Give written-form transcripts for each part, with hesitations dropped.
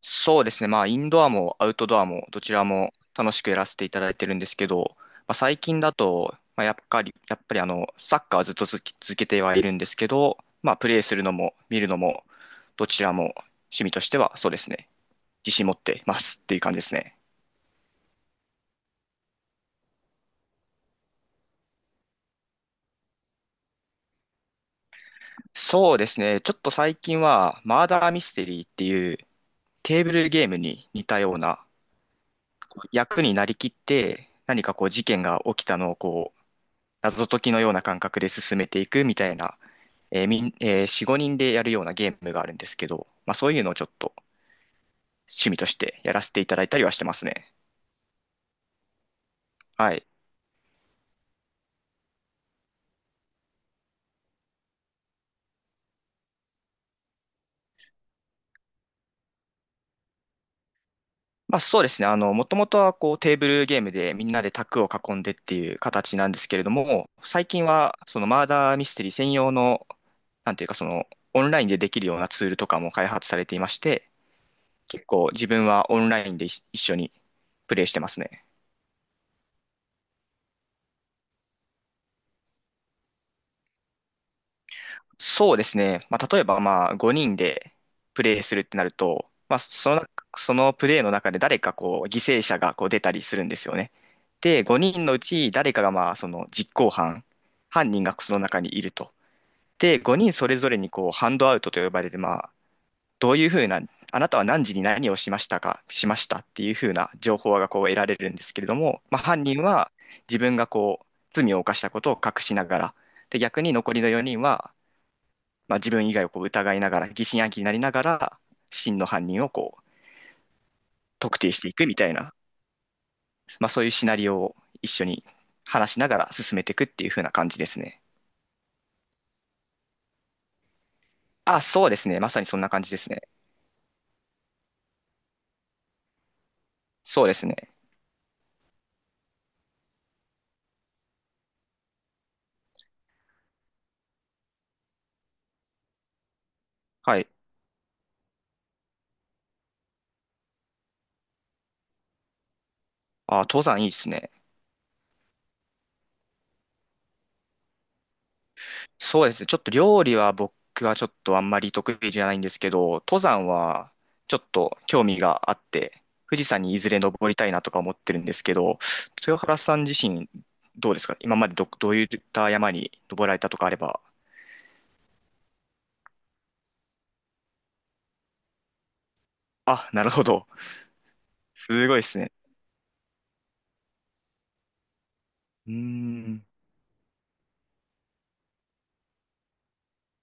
そうですね。まあ、インドアもアウトドアもどちらも楽しくやらせていただいてるんですけど、まあ、最近だと、まあ、やっぱりサッカーはずっと続けてはいるんですけど、まあ、プレーするのも見るのも、どちらも趣味としてはそうですね。自信持ってますっていう感じですね。そうですね。ちょっと最近は、マーダーミステリーっていうテーブルゲームに似たような役になりきって、何かこう事件が起きたのをこう、謎解きのような感覚で進めていくみたいなえーみん、えー4、5人でやるようなゲームがあるんですけど、まあそういうのをちょっと趣味としてやらせていただいたりはしてますね。はい。まあそうですね。あの、もともとはこうテーブルゲームでみんなで卓を囲んでっていう形なんですけれども、最近はそのマーダーミステリー専用の、なんていうかそのオンラインでできるようなツールとかも開発されていまして、結構自分はオンラインで一緒にプレイしてますね。そうですね。まあ、例えば、まあ、5人でプレイするってなると、まあ、そのプレイの中で誰かこう、犠牲者がこう出たりするんですよね。で、5人のうち誰かがまあ、その実行犯、犯人がその中にいると。で、5人それぞれにこう、ハンドアウトと呼ばれる、まあ、どういうふうな、あなたは何時に何をしましたか、しましたっていうふうな情報がこう得られるんですけれども、まあ、犯人は自分がこう、罪を犯したことを隠しながら、で、逆に残りの4人は、まあ、自分以外をこう疑いながら、疑心暗鬼になりながら、真の犯人をこう特定していくみたいな、まあ、そういうシナリオを一緒に話しながら進めていくっていう風な感じですね。あ、そうですね。まさにそんな感じですね。そうですね。はい。あ、登山いいですね。そうですね。ちょっと料理は僕はちょっとあんまり得意じゃないんですけど、登山はちょっと興味があって、富士山にいずれ登りたいなとか思ってるんですけど、豊原さん自身どうですか、今までどういった山に登られたとかあれば。あ、なるほど。すごいですね。うーん。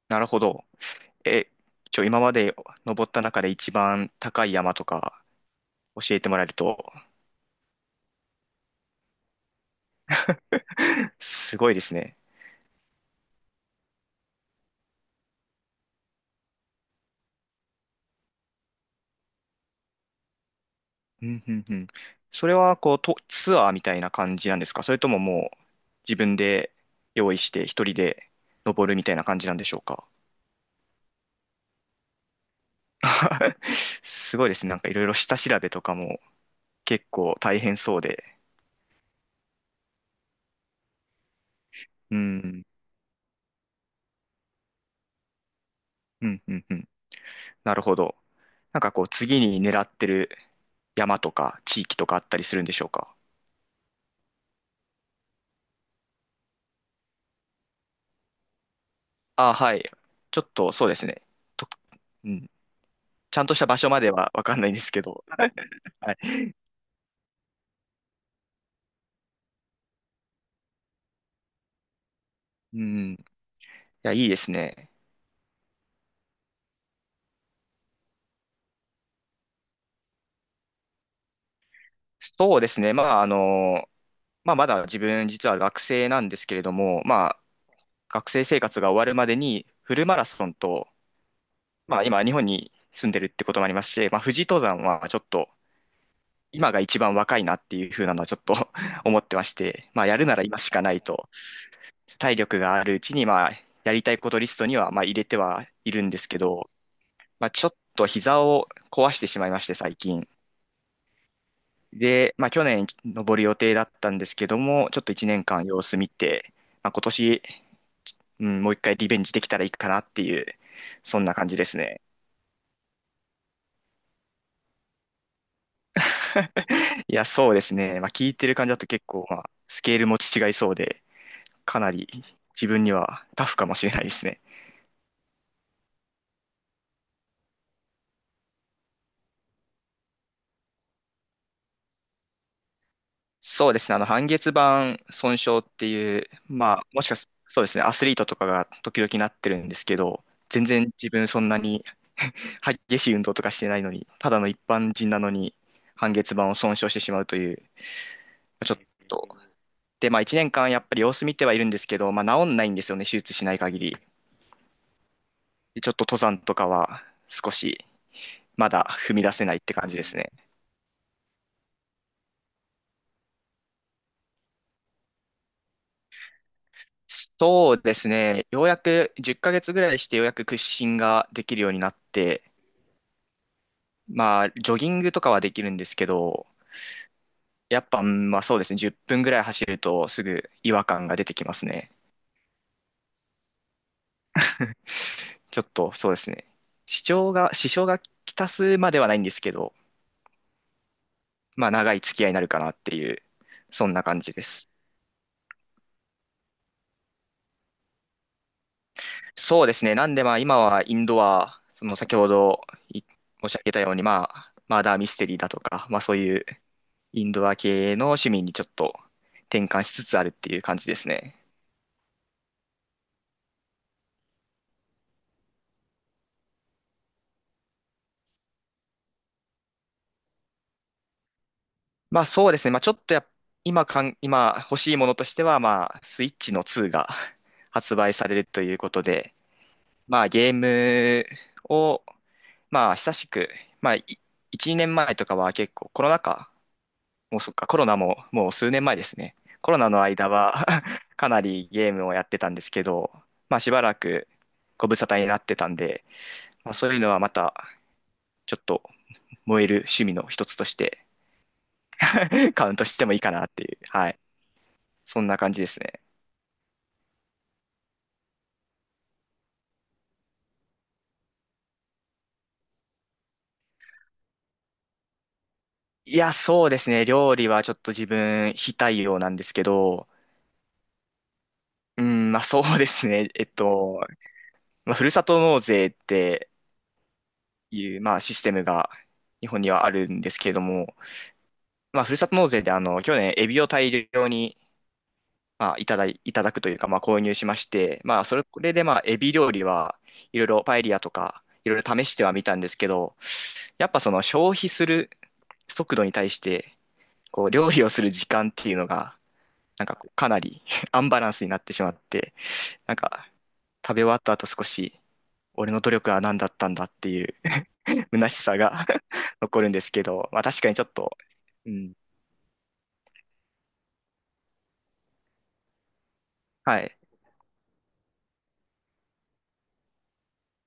なるほど。え、今まで登った中で一番高い山とか教えてもらえると、すごいですね。うんうんうん。それはこうとツアーみたいな感じなんですか、それとももう自分で用意して一人で登るみたいな感じなんでしょうか？ すごいですね。なんかいろいろ下調べとかも結構大変そうで。うん。うんうんうん。なるほど。なんかこう次に狙ってる山とか地域とかあったりするんでしょうか？あ、はい。ちょっとそうですね。と、うん。ちゃんとした場所まではわかんないんですけど。はい。うん。いや、いいですね。そうですね。まあ、あの、まあ、まだ自分実は学生なんですけれども、まあ、学生生活が終わるまでにフルマラソンと、まあ、今日本に住んでるってこともありまして、まあ、富士登山はちょっと今が一番若いなっていう風なのはちょっと 思ってまして、まあ、やるなら今しかないと、体力があるうちに、まあ、やりたいことリストには、まあ、入れてはいるんですけど、まあ、ちょっと膝を壊してしまいまして、最近。で、まあ、去年登る予定だったんですけども、ちょっと1年間様子見て、まあ、今年、うん、もう一回リベンジできたらいいかなっていう、そんな感じですね。いや、そうですね。まあ、聞いてる感じだと結構、まあ、スケールも違いそうで、かなり自分にはタフかもしれないですね。そうですね。あの、半月板損傷っていう、まあ、もしかすそうですね、アスリートとかが時々なってるんですけど、全然自分そんなに激しい運動とかしてないのに、ただの一般人なのに、半月板を損傷してしまうという、ちょっと。で、まあ、1年間やっぱり様子見てはいるんですけど、まあ、治んないんですよね、手術しない限り。でちょっと登山とかは少しまだ踏み出せないって感じですね。そうですね、ようやく10ヶ月ぐらいしてようやく屈伸ができるようになって、まあ、ジョギングとかはできるんですけど、やっぱ、うん、まあそうですね、10分ぐらい走るとすぐ違和感が出てきますね。ちょっとそうですね。支障がきたすまではないんですけど、まあ長い付き合いになるかなっていう、そんな感じです。そうですね。なんでまあ今はインドア、その先ほどい申し上げたように、まあマーダーミステリーだとか、まあそういうインドア系の趣味にちょっと転換しつつあるっていう感じですね。まあそうですね。まあちょっと今かん、今欲しいものとしては、まあスイッチの2が 発売されるということで、まあゲームを、まあ久しく、まあい1、年前とかは結構コロナ禍、もうそっか、コロナももう数年前ですね。コロナの間は かなりゲームをやってたんですけど、まあしばらくご無沙汰になってたんで、まあそういうのはまたちょっと燃える趣味の一つとして カウントしてもいいかなっていう、はい。そんな感じですね。いや、そうですね。料理はちょっと自分非対応なんですけど、うん、まあそうですね。まあ、ふるさと納税っていう、まあ、システムが日本にはあるんですけれども、まあ、ふるさと納税であの去年、エビを大量に、まあ、いただくというか、まあ、購入しまして、まあ、それこれで、まあ、エビ料理はいろいろパエリアとかいろいろ試してはみたんですけど、やっぱその消費する速度に対してこう料理をする時間っていうのがなんかこうかなり アンバランスになってしまって、なんか食べ終わった後少し俺の努力は何だったんだっていう虚しさが 残るんですけど、まあ確かにちょっと、うん、はい。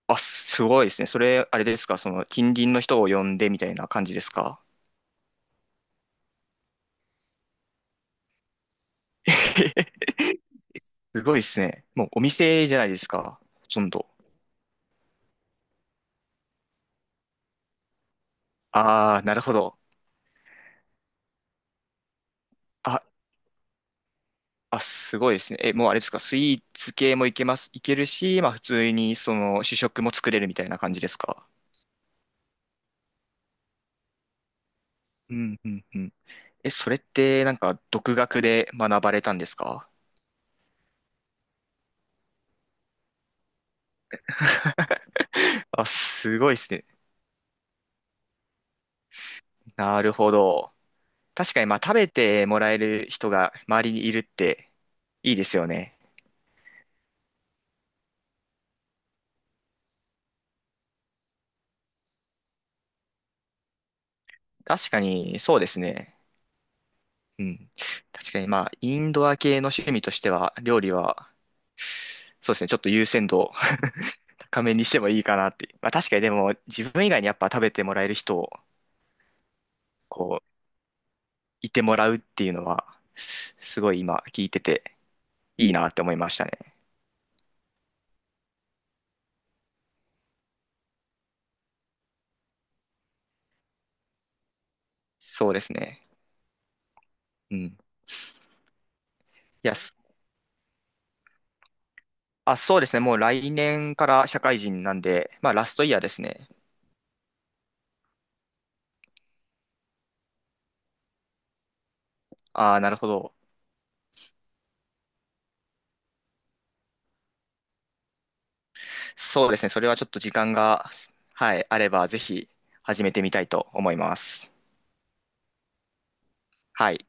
あ、すごいですね。それ、あれですか、その近隣の人を呼んでみたいな感じですか？ すごいですね。もうお店じゃないですか、ほとんど。ああ、なるほど。あ、あ、すごいですね。え、もうあれですか、スイーツ系もいけるし、まあ普通にその主食も作れるみたいな感じですか？うんうんうん。え、それってなんか独学で学ばれたんですか？あ、すごいですね。なるほど。確かに、まあ、食べてもらえる人が周りにいるっていいですよね。確かに、そうですね。うん。確かに、まあ、インドア系の趣味としては、料理は、そうですね、ちょっと優先度を 高めにしてもいいかなって。まあ、確かに、でも、自分以外にやっぱ食べてもらえる人を、こう、いてもらうっていうのは、すごい今、聞いてて、いいなって思いましたね。そうですね。うん。いや、そうですね。もう来年から社会人なんで、まあ、ラストイヤーですね。ああ、なるほど。そうですね。それはちょっと時間が、はい、あれば、ぜひ始めてみたいと思います。はい。